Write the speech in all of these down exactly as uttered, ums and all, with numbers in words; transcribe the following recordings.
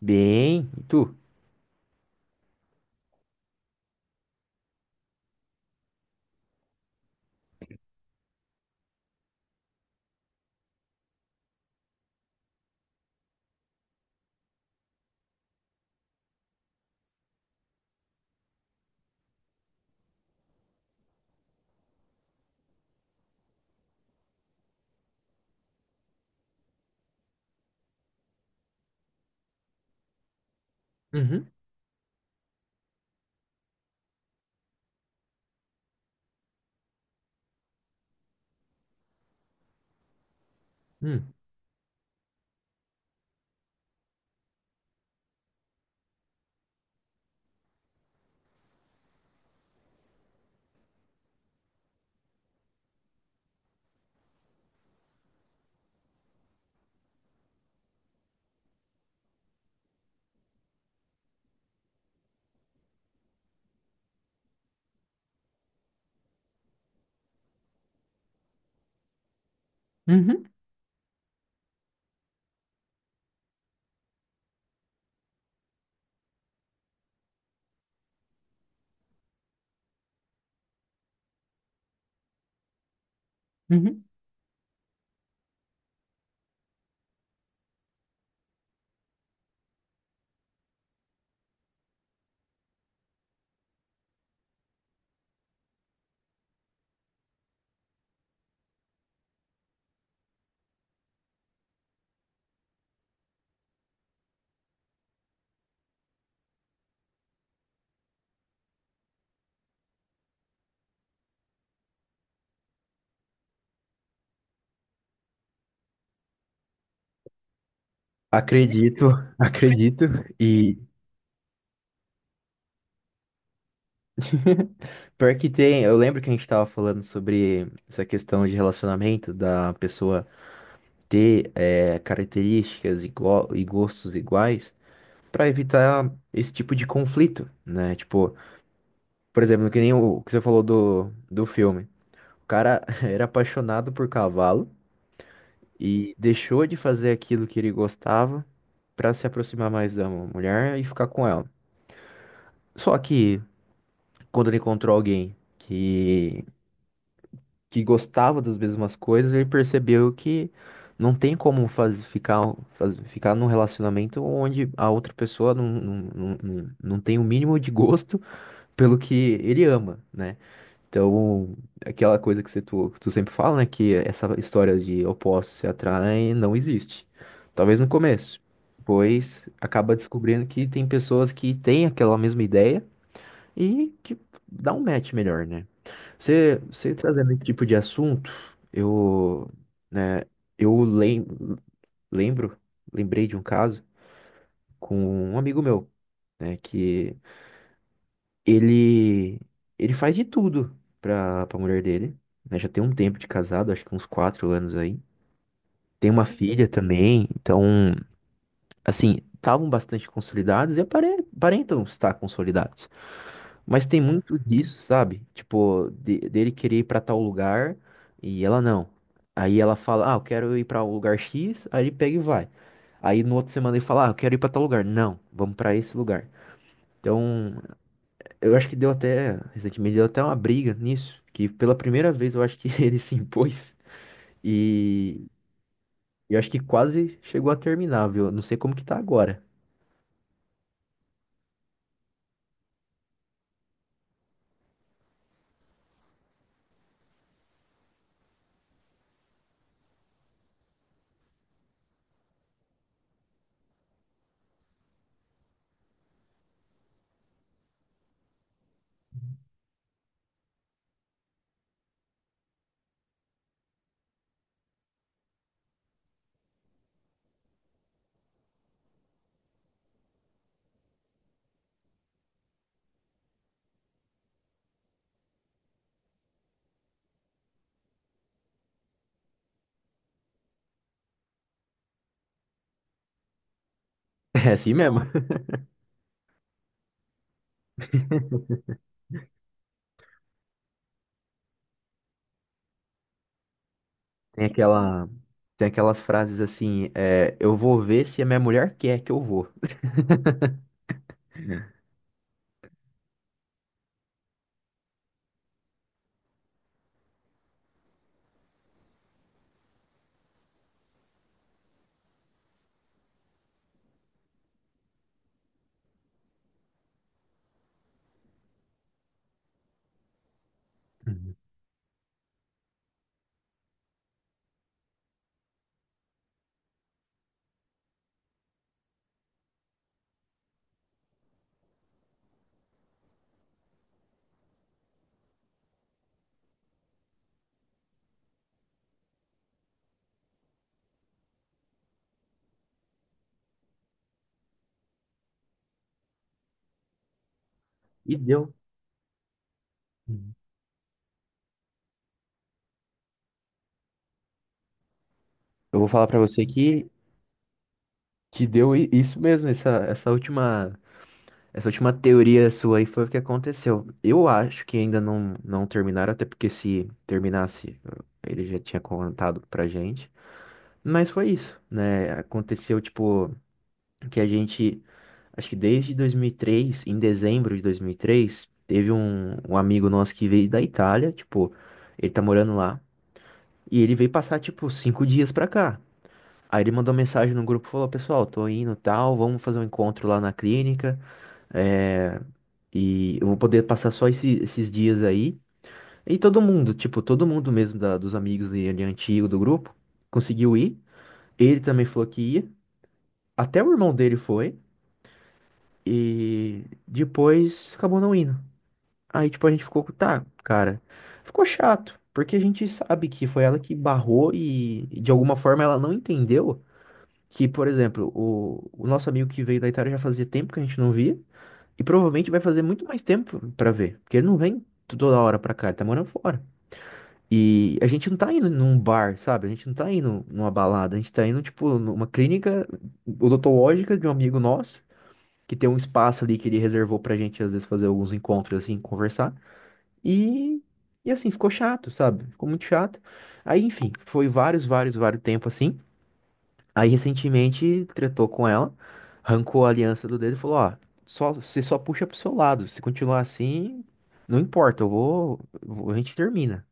Bem, e tu? Uhum, uhum, uhum, uhum. Acredito, acredito. E pior que tem, eu lembro que a gente tava falando sobre essa questão de relacionamento, da pessoa ter eh, características igual, e gostos iguais, pra evitar esse tipo de conflito, né? Tipo, por exemplo, que nem o que você falou do, do filme. O cara era apaixonado por cavalo e deixou de fazer aquilo que ele gostava pra se aproximar mais da mulher e ficar com ela. Só que quando ele encontrou alguém que, que gostava das mesmas coisas, ele percebeu que não tem como faz, ficar, faz, ficar num relacionamento onde a outra pessoa não, não, não, não não tem o mínimo de gosto pelo que ele ama, né? Então, aquela coisa que você, tu, tu sempre fala, né? Que essa história de opostos se atraem não existe. Talvez no começo. Pois acaba descobrindo que tem pessoas que têm aquela mesma ideia e que dá um match melhor, né? Você, você trazendo esse tipo de assunto, eu, né, eu lem, lembro, lembrei de um caso com um amigo meu, né, que ele, ele faz de tudo pra, pra mulher dele, né? Já tem um tempo de casado, acho que uns quatro anos aí. Tem uma filha também, então, assim, estavam bastante consolidados e apare- aparentam estar consolidados. Mas tem muito disso, sabe? Tipo, de- dele querer ir pra tal lugar e ela não. Aí ela fala, ah, eu quero ir pra um lugar X, aí ele pega e vai. Aí no outro semana ele fala, ah, eu quero ir pra tal lugar. Não, vamos pra esse lugar. Então, eu acho que deu até, recentemente deu até uma briga nisso, que pela primeira vez eu acho que ele se impôs e eu acho que quase chegou a terminar, viu? Eu não sei como que tá agora. É assim mesmo. Tem aquela, tem aquelas frases assim, é, eu vou ver se a minha mulher quer que eu vou. Uhum. E deu. Uhum. Eu vou falar pra você que, que deu i- isso mesmo, essa, essa última, essa última teoria sua aí foi o que aconteceu. Eu acho que ainda não, não terminaram, até porque se terminasse, ele já tinha contado pra gente. Mas foi isso, né? Aconteceu, tipo, que a gente, acho que desde dois mil e três, em dezembro de dois mil e três, teve um, um, amigo nosso que veio da Itália, tipo, ele tá morando lá, e ele veio passar, tipo, cinco dias pra cá. Aí ele mandou mensagem no grupo, falou, pessoal, tô indo, tal, vamos fazer um encontro lá na clínica, é, e eu vou poder passar só esse- esses dias aí. E todo mundo, tipo, todo mundo mesmo da- dos amigos dele, antigo do grupo, conseguiu ir. Ele também falou que ia. Até o irmão dele foi. E depois acabou não indo. Aí, tipo, a gente ficou, tá, cara, ficou chato, porque a gente sabe que foi ela que barrou e, de alguma forma ela não entendeu que, por exemplo, o, o nosso amigo que veio da Itália já fazia tempo que a gente não via e provavelmente vai fazer muito mais tempo pra ver, porque ele não vem toda hora pra cá, ele tá morando fora. E a gente não tá indo num bar, sabe? A gente não tá indo numa balada, a gente tá indo, tipo, numa clínica odontológica de um amigo nosso que tem um espaço ali que ele reservou pra gente, às vezes, fazer alguns encontros, assim, conversar. E, e assim, ficou chato, sabe? Ficou muito chato. Aí, enfim, foi vários, vários, vários tempo assim. Aí, recentemente, tretou com ela, arrancou a aliança do dedo e falou: Ó, só, você só puxa pro seu lado. Se continuar assim, não importa, eu vou, eu vou- a gente termina.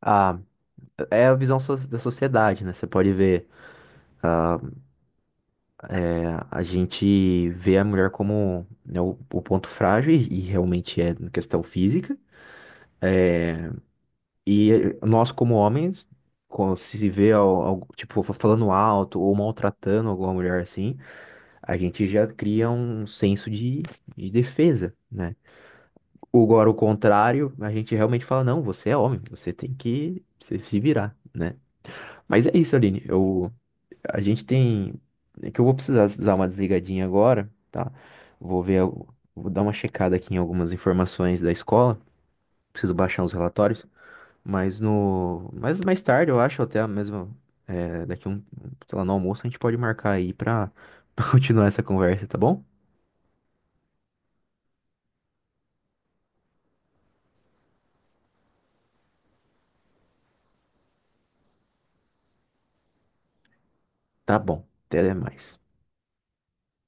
Ah, é a visão so- da sociedade, né? Você pode ver. ah, A a gente vê a mulher como, né, o, o ponto frágil, e, e realmente é na questão física. E eh, nós, como homens, quando se vê, al- al- tipo, fa- falando alto ou maltratando alguma mulher assim, a gente já cria um senso de, de defesa, né? Agora, o contrário, a gente realmente fala, não, você é homem, você tem que se se virar, né? Mas é isso, Aline. Eu A gente tem. É que eu vou precisar dar uma desligadinha agora, tá? Vou ver. al- Vou dar uma checada aqui em algumas informações da escola. Preciso baixar os relatórios. Mas no. Mas mais tarde, eu acho, até mesmo. é, daqui um. Sei lá, no almoço, a gente pode marcar aí pra, pra continuar essa conversa, tá bom? Tá bom. Até mais.